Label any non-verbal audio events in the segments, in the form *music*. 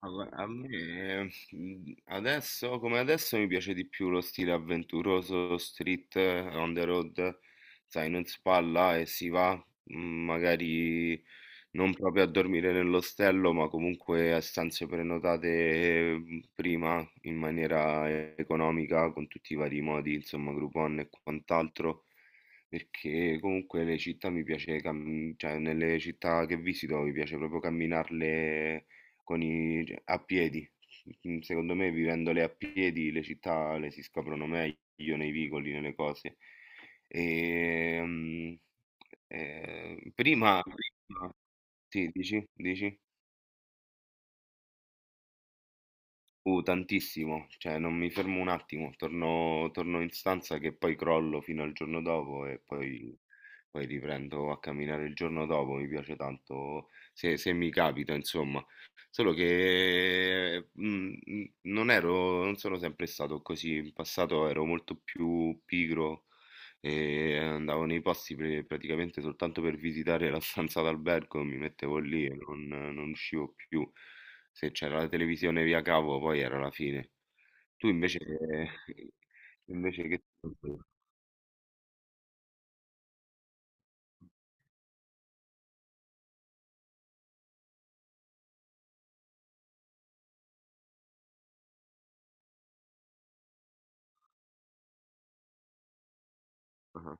Ah, gua- a me adesso, come adesso, mi piace di più lo stile avventuroso, street, on the road, sai, non si spalla e si va, mm, magari non proprio a dormire nell'ostello, ma comunque a stanze prenotate prima in maniera economica, con tutti i vari modi, insomma, Groupon e quant'altro. Perché comunque le città mi piace, cioè nelle città che visito mi piace proprio camminarle cioè, a piedi. Mm, secondo me, vivendole a piedi, le città le si scoprono meglio nei vicoli, nelle cose. E, mm, eh, prima, prima- sì, dici? Tantissimo, cioè non mi fermo un attimo, torno in stanza che poi crollo fino al giorno dopo poi riprendo a camminare il giorno dopo, mi piace tanto se mi capita, insomma. Solo che non sono sempre stato così, in passato ero molto più pigro e andavo nei posti praticamente soltanto per visitare la stanza d'albergo, mi mettevo lì e non uscivo più. Se c'era la televisione via cavo poi era la fine. Tu invece che *laughs* invece che ah-ah,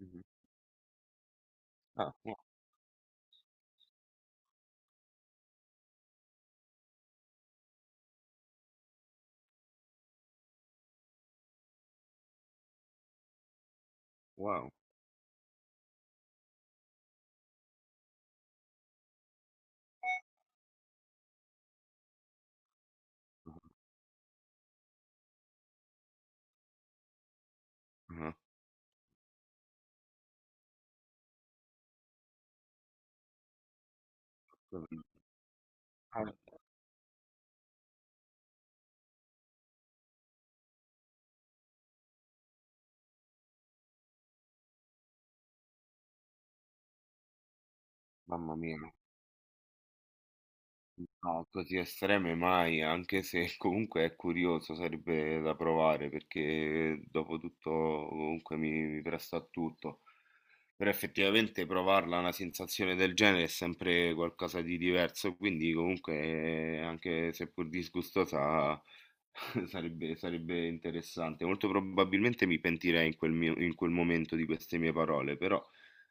mh-mh. Ah, wo wow. Ah-ah, ah, mamma mia, no, così estreme mai, anche se *laughs* comunque è curioso, sarebbe da provare perché dopo tutto comunque mi presto a tutto. Però effettivamente provarla una sensazione del genere è sempre qualcosa di diverso, quindi comunque anche seppur disgustosa *laughs* sarebbe interessante. Molto probabilmente mi pentirei in quel momento di queste mie parole, però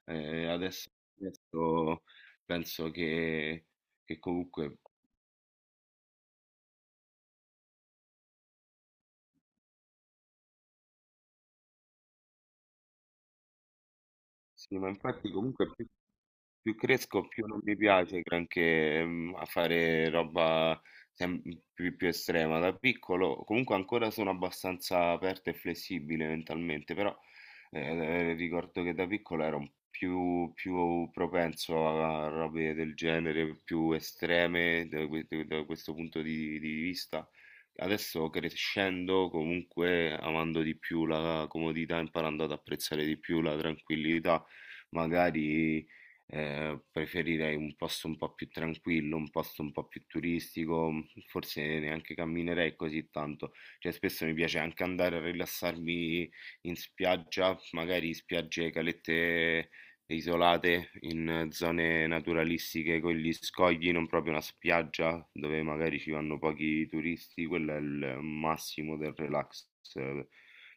eh, adesso, adesso penso che comunque... Sì, ma infatti comunque più cresco, più non mi piace granché, mhmm, a fare roba sem più estrema. Da piccolo comunque ancora sono abbastanza aperto e flessibile mentalmente, però, ricordo che da piccolo ero un più propenso a robe del genere, più estreme da questo punto di vista. Adesso crescendo, comunque amando di più la comodità, imparando ad apprezzare di più la tranquillità, magari preferirei un posto un po' più tranquillo, un posto un po' più turistico, mm, forse neanche camminerei così tanto. Cioè, spesso mi piace anche andare a rilassarmi in spiaggia, magari spiagge, calette isolate in zone naturalistiche con gli scogli, non proprio una spiaggia dove magari ci vanno pochi turisti, quello è il massimo del relax eh,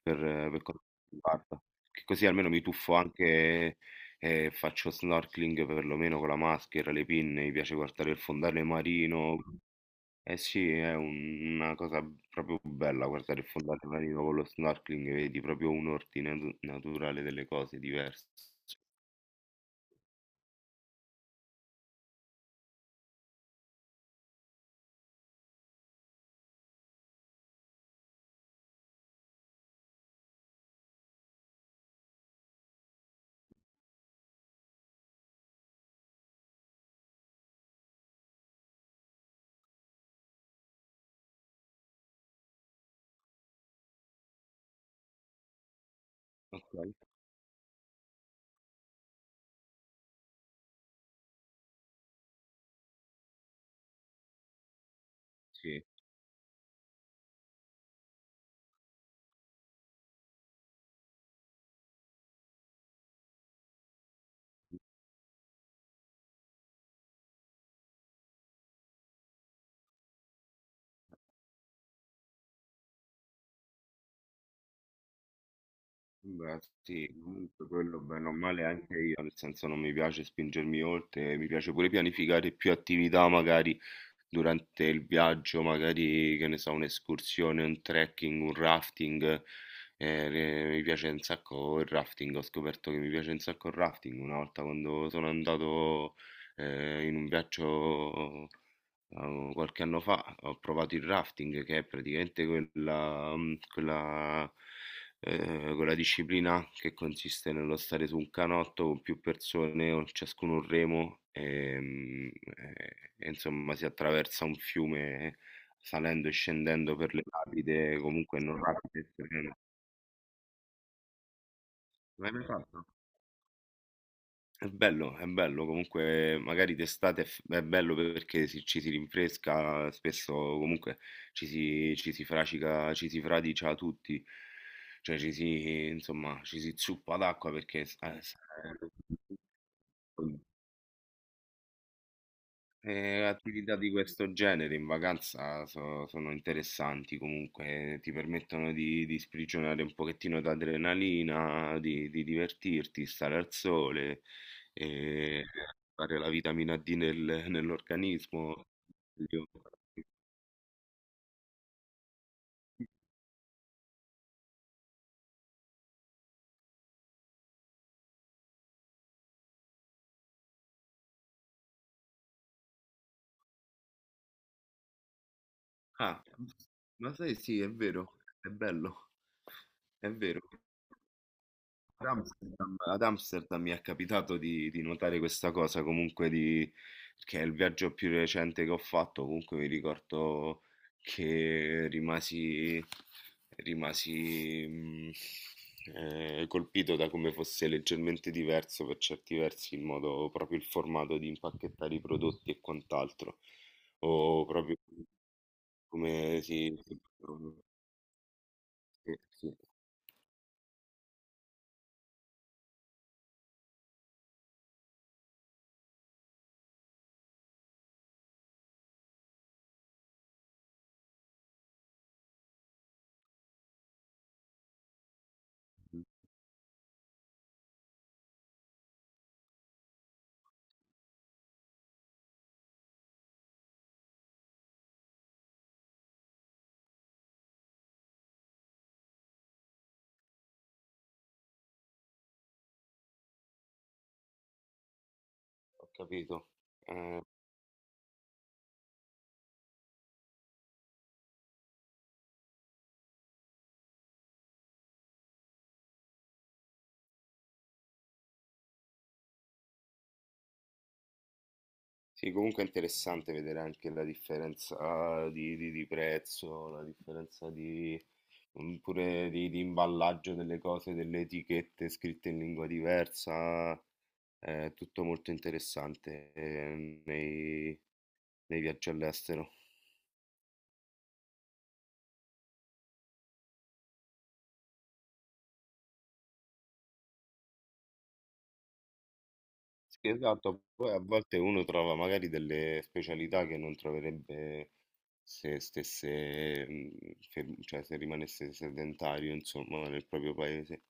per, per quanto mi riguarda. Che Così almeno mi tuffo anche e faccio snorkeling perlomeno con la maschera, le pinne, mi piace guardare il fondale marino. Eh sì, una cosa proprio bella guardare il fondale marino con lo snorkeling, vedi proprio un ordine naturale delle cose diverse. Ok, sì. Beh, sì, comunque quello bene o male anche io, nel senso non mi piace spingermi oltre, mi piace pure pianificare più attività magari durante il viaggio, magari che ne so, un'escursione, un trekking, un rafting. Eh, mi piace un sacco il rafting, ho scoperto che mi piace un sacco il rafting una volta quando sono andato in un viaggio. Qualche anno fa ho provato il rafting, che è praticamente quella, quella disciplina che consiste nello stare su un canotto con più persone, con ciascuno un remo, e, mm, e insomma si attraversa un fiume salendo e scendendo per le rapide, comunque non rapide, serene. L'hai mai fatto? È bello, comunque magari d'estate è bello perché ci si rinfresca, spesso comunque ci si fradicia tutti, cioè ci si, insomma, ci si zuppa d'acqua perché... eh, attività di questo genere in vacanza sono interessanti comunque, ti permettono di sprigionare un pochettino d'adrenalina, di divertirti, stare al sole, e fare la vitamina D nell'organismo. Io- Ah, ma sai, sì, è vero, è bello, è vero. Ad Amsterdam mi è capitato di notare questa cosa, comunque di, che è il viaggio più recente che ho fatto, comunque mi ricordo che rimasi, rimasi mm, colpito da come fosse leggermente diverso per certi versi il modo, proprio il formato di impacchettare i prodotti e quant'altro, o proprio come si... Sì, sì, ho capito. Eh, Sì, comunque è interessante vedere anche la differenza ah, di prezzo, la differenza di, mm, pure di imballaggio delle cose, delle etichette scritte in lingua diversa, è tutto molto interessante nei, nei viaggi all'estero. Sì, esatto, poi a volte uno trova magari delle specialità che non troverebbe se stesse, mm, cioè se rimanesse sedentario, insomma, nel proprio paese.